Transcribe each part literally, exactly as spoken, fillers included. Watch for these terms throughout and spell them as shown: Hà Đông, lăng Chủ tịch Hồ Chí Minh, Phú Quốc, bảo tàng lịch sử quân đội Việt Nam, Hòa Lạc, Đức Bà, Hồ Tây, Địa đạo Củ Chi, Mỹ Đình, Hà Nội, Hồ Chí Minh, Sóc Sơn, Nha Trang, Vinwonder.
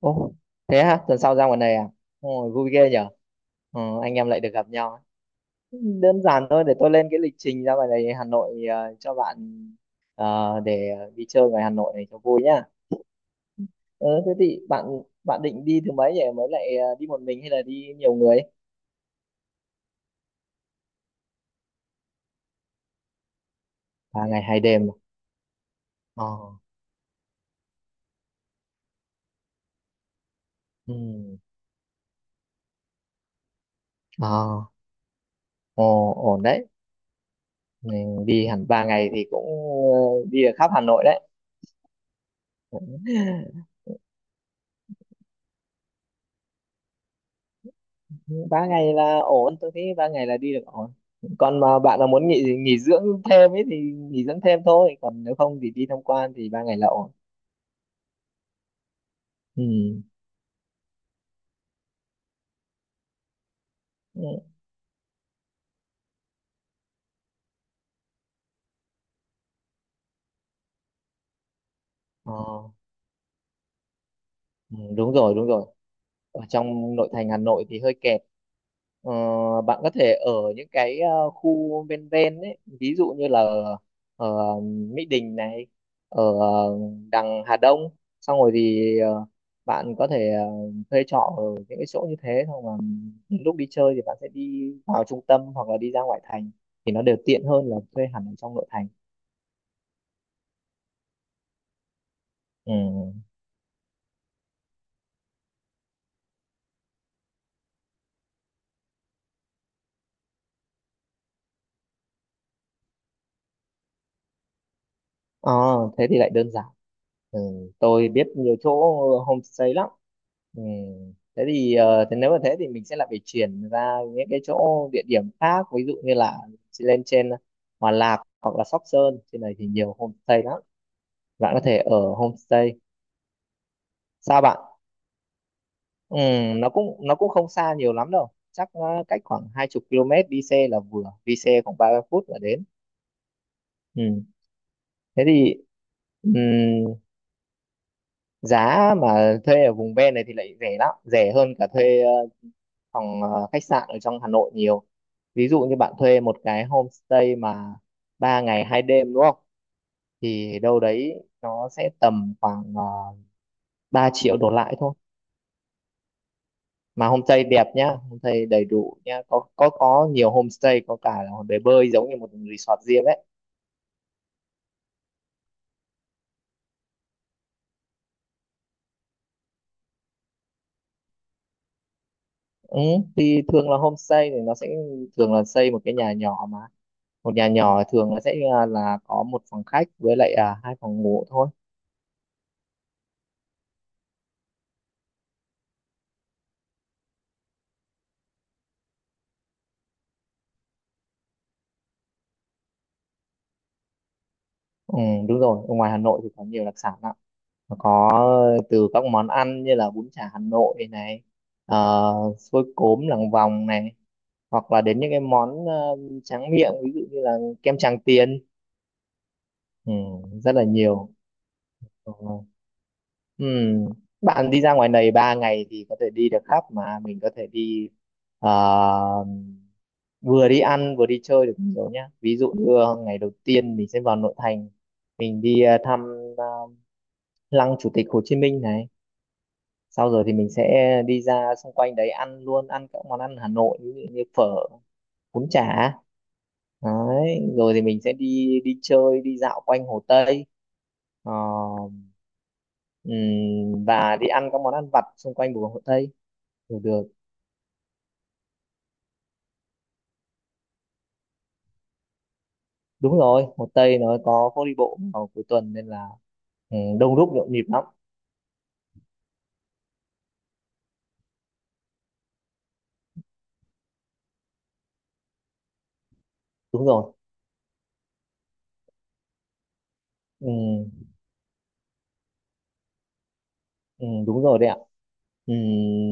Ồ, thế hả? Tuần sau ra ngoài này à? Ồ, vui ghê nhở? Ờ, anh em lại được gặp nhau. Ấy. Đơn giản thôi, để tôi lên cái lịch trình ra ngoài này Hà Nội ờ, cho bạn ờ, để đi chơi ngoài Hà Nội này cho vui nhá. Ừ, thế thì bạn bạn định đi thứ mấy nhỉ? Mới lại ờ, đi một mình hay là đi nhiều người? Ba ngày hai đêm. À? Ờ, ừ, ờ, ồ, ổn đấy. Mình đi hẳn ba ngày thì cũng ờ, đi được khắp Hà Nội đấy. Ba ngày là ổn, tôi thấy ba ngày là đi được ổn. Còn mà bạn là muốn nghỉ nghỉ dưỡng thêm ấy thì nghỉ dưỡng thêm thôi, còn nếu không thì đi tham quan thì ba ngày là ổn. Ừ. Ừ. Ờ, ừ, đúng rồi, đúng rồi, ở trong nội thành Hà Nội thì hơi kẹt. Ờ, bạn có thể ở những cái ờ, khu ven ven ấy, ví dụ như là ở Mỹ Đình này, ở đằng Hà Đông, xong rồi thì ờ, bạn có thể ờ, thuê trọ ở những cái chỗ như thế, xong mà những lúc đi chơi thì bạn sẽ đi vào trung tâm hoặc là đi ra ngoại thành thì nó đều tiện hơn là thuê hẳn ở trong nội thành. Ừ. Ờ, thế thì lại đơn giản. Ừ, tôi biết nhiều chỗ homestay lắm. Ừ, thế thì ờ, thế nếu mà thế thì mình sẽ lại phải chuyển ra những cái chỗ địa điểm khác, ví dụ như là lên trên Hòa Lạc hoặc là Sóc Sơn, trên này thì nhiều homestay lắm. Bạn có thể ở homestay. Sao bạn? Ừ, nó cũng nó cũng không xa nhiều lắm đâu. Chắc ờ, cách khoảng hai mươi ki lô mét đi xe là vừa, đi xe khoảng ba mươi phút là đến. Ừ, thế thì ừ, giá mà thuê ở vùng ven này thì lại rẻ lắm, rẻ hơn cả thuê ờ, phòng ờ, khách sạn ở trong Hà Nội nhiều. Ví dụ như bạn thuê một cái homestay mà ba ngày hai đêm đúng không, thì đâu đấy nó sẽ tầm khoảng uh, ba triệu đổ lại thôi, mà homestay đẹp nhá, homestay đầy đủ nhá, có có có nhiều homestay, có cả là bể bơi giống như một resort riêng đấy. Ừ, thì thường là homestay thì nó sẽ thường là xây một cái nhà nhỏ, mà một nhà nhỏ thường là sẽ à, là có một phòng khách với lại à, hai phòng ngủ thôi. Ừ, đúng rồi, ở ngoài Hà Nội thì có nhiều đặc sản lắm. Nó có từ các món ăn như là bún chả Hà Nội này, ờ, xôi cốm làng vòng này, hoặc là đến những cái món ờ, tráng miệng, ví dụ như là kem Tràng Tiền. Ừ, rất là nhiều. Ờ, ừ. Bạn đi ra ngoài này ba ngày thì có thể đi được khắp, mà mình có thể đi ờ, vừa đi ăn vừa đi chơi được nhiều nhá. Ví dụ, ừ, như ờ, ngày đầu tiên mình sẽ vào nội thành, mình đi ờ, thăm ờ, lăng Chủ tịch Hồ Chí Minh này, sau rồi thì mình sẽ đi ra xung quanh đấy ăn luôn, ăn các món ăn Hà Nội ví dụ như phở, bún chả. Đấy rồi thì mình sẽ đi đi chơi đi dạo quanh Hồ Tây. Ờ, ừm, và đi ăn các món ăn vặt xung quanh vùng Hồ Tây. Được, được, đúng rồi, Hồ Tây nó có phố đi bộ vào cuối tuần nên là, ừ, đông đúc nhộn nhịp lắm. Đúng rồi. Ừ. Ừ, đúng rồi đấy ạ. Ừ,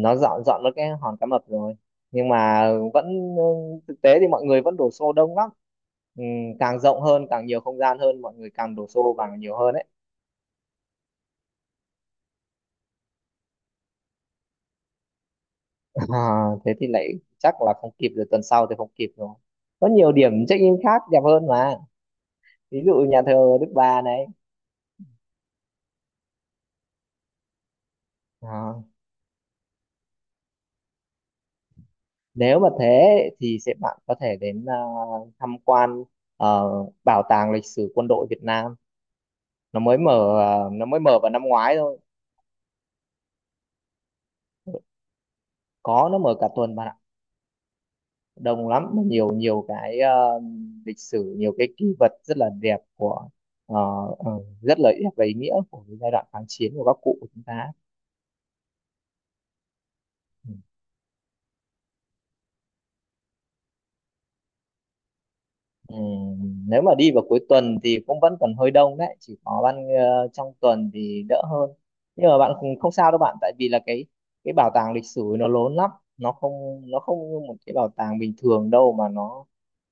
nó dọn dọn nó cái hòn cá mập rồi. Nhưng mà vẫn ừ, thực tế thì mọi người vẫn đổ xô đông lắm. Ừ, càng rộng hơn, càng nhiều không gian hơn, mọi người càng đổ xô càng nhiều hơn đấy. À, thế thì lại chắc là không kịp rồi, tuần sau thì không kịp rồi. Có nhiều điểm check-in khác đẹp hơn mà. Ví dụ nhà thờ Đức Bà này. À, nếu mà thế thì sẽ bạn có thể đến, à, tham quan ờ, bảo tàng lịch sử quân đội Việt Nam. Nó mới mở, à, nó mới mở vào năm ngoái thôi. Có, nó mở cả tuần bạn ạ. Đông lắm, mà nhiều nhiều cái ờ, lịch sử, nhiều cái kỷ vật rất là đẹp của ờ, ờ, rất là đẹp và ý nghĩa của cái giai đoạn kháng chiến của các cụ của chúng ta. Ừ. Ừ, nếu mà đi vào cuối tuần thì cũng vẫn còn hơi đông đấy, chỉ có ban ờ, trong tuần thì đỡ hơn. Nhưng mà bạn không không sao đâu bạn, tại vì là cái cái bảo tàng lịch sử nó lớn lắm. Nó không nó không như một cái bảo tàng bình thường đâu, mà nó,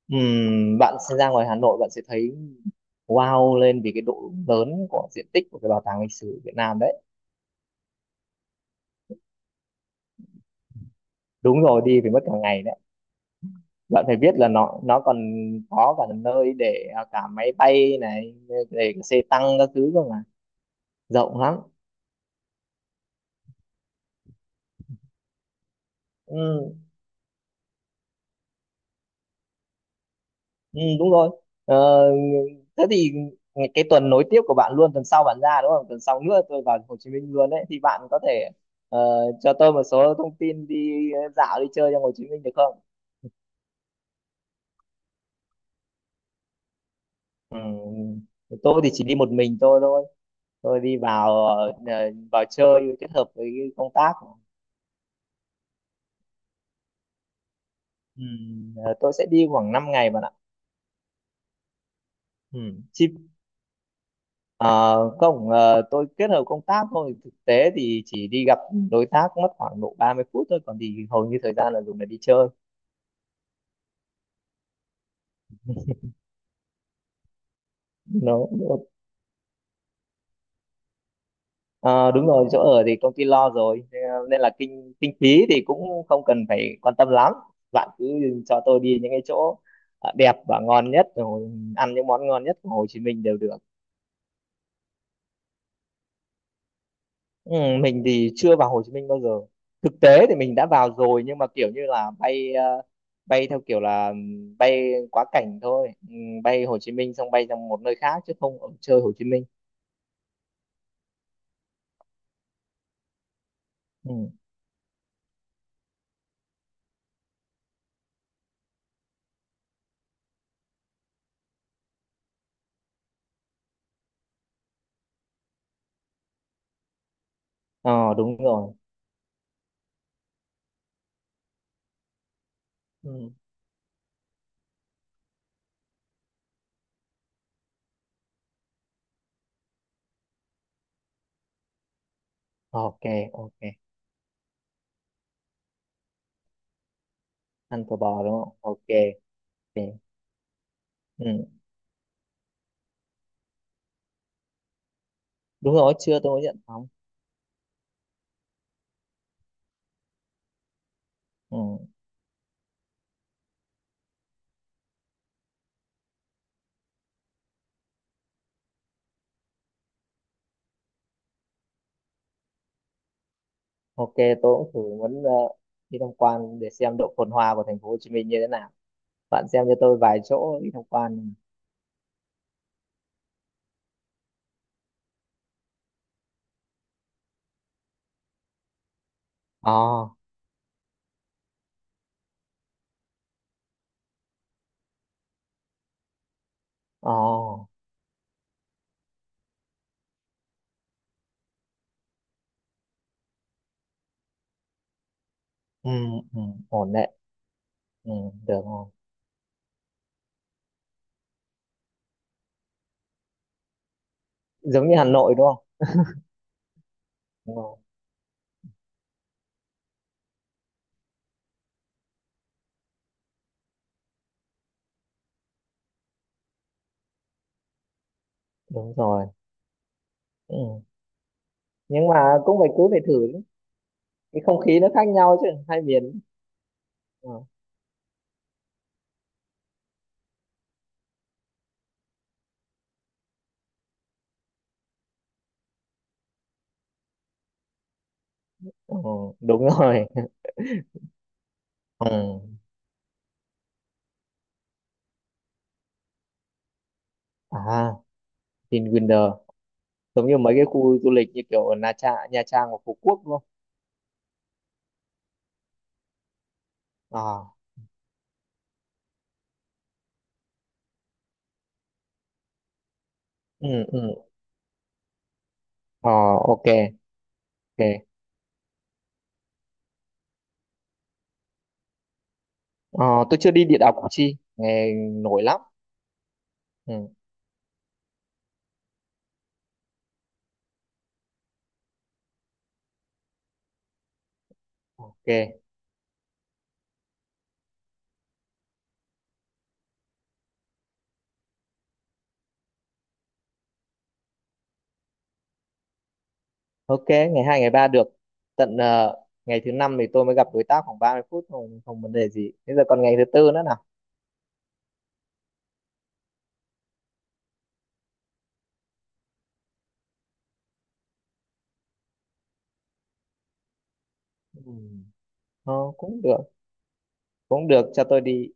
ừm, bạn sẽ ra ngoài Hà Nội bạn sẽ thấy wow lên vì cái độ lớn của diện tích của cái bảo tàng lịch sử Việt Nam đấy. Đúng rồi, đi phải mất cả ngày đấy. Bạn phải biết là nó nó còn có cả nơi để, à, cả máy bay này, để cả xe tăng các thứ cơ mà rộng lắm. Ừ, ừ, đúng rồi, ờ, thế thì cái tuần nối tiếp của bạn luôn, tuần sau bạn ra đúng không, tuần sau nữa tôi vào Hồ Chí Minh luôn đấy, thì bạn có thể ờ, cho tôi một số thông tin đi ờ, dạo đi chơi trong Hồ Chí Minh được không? Ừ, tôi thì chỉ đi một mình tôi thôi. Tôi đi vào ờ, vào chơi kết hợp với cái công tác. Ừ, ờ, tôi sẽ đi khoảng năm ngày bạn ạ. Ừ. Chi, ờ, không ờ, tôi kết hợp công tác thôi, thực tế thì chỉ đi gặp đối tác mất khoảng độ ba mươi phút thôi, còn thì hầu như thời gian là dùng để đi chơi. Nó ờ, đúng rồi, chỗ ở thì công ty lo rồi. Thế nên là kinh kinh phí thì cũng không cần phải quan tâm lắm. Bạn cứ cho tôi đi những cái chỗ ờ, đẹp và ngon nhất rồi, ăn những món ngon nhất của Hồ Chí Minh đều được. Ừ, mình thì chưa vào Hồ Chí Minh bao giờ. Thực tế thì mình đã vào rồi, nhưng mà kiểu như là bay ờ, bay theo kiểu là ừm, bay quá cảnh thôi. Ừm, bay Hồ Chí Minh xong bay sang một nơi khác chứ không ở chơi Hồ Chí Minh. Ừ. Ờ, đúng rồi. Ừ. Ok, ok. Ăn phở bò đúng không? Ok. Ok. Ừ. Đúng rồi, chưa, tôi mới nhận phòng. Ừ. Ok, tôi cũng thử muốn ờ, đi tham quan để xem độ phồn hoa của thành phố Hồ Chí Minh như thế nào. Bạn xem cho tôi vài chỗ đi tham quan. Ồ. Ồ. Ừ, ừ, ổn đấy. Ừ, được rồi, giống như Hà Nội đúng không? Đúng rồi, đúng rồi. Ừ. Nhưng mà cũng phải cứ phải thử cái không khí nó khác nhau chứ, hai miền. Ừ. Ừ, đúng rồi. Ừ. À, Vinwonder giống như mấy cái khu du lịch như kiểu ở Nha Trang, Nha Trang và Phú Quốc đúng không? À. Ừ. Ừ. Ờ. Ok. Ok. Ờ, tôi chưa đi địa đạo Củ Chi, nghe nổi lắm. Ừ. Ok. Ok, ngày hai ngày ba được. Tận ờ, ngày thứ năm thì tôi mới gặp đối tác khoảng ba mươi phút, không, không vấn đề gì. Bây giờ còn ngày thứ tư nữa nào. Ừ. Ờ, cũng được, cũng được, cho tôi đi.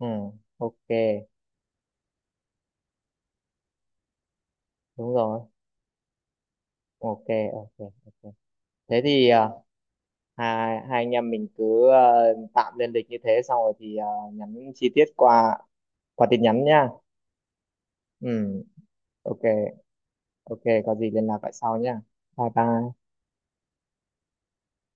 Ừ, ok, đúng rồi. Ok, ok, ok. Thế thì ờ, hai, hai anh em mình cứ ờ, tạm lên lịch như thế, xong rồi thì ờ, nhắn chi tiết qua, qua tin nhắn nha. Ừ, ok, ok, có gì liên lạc lại sau nha. Bye bye.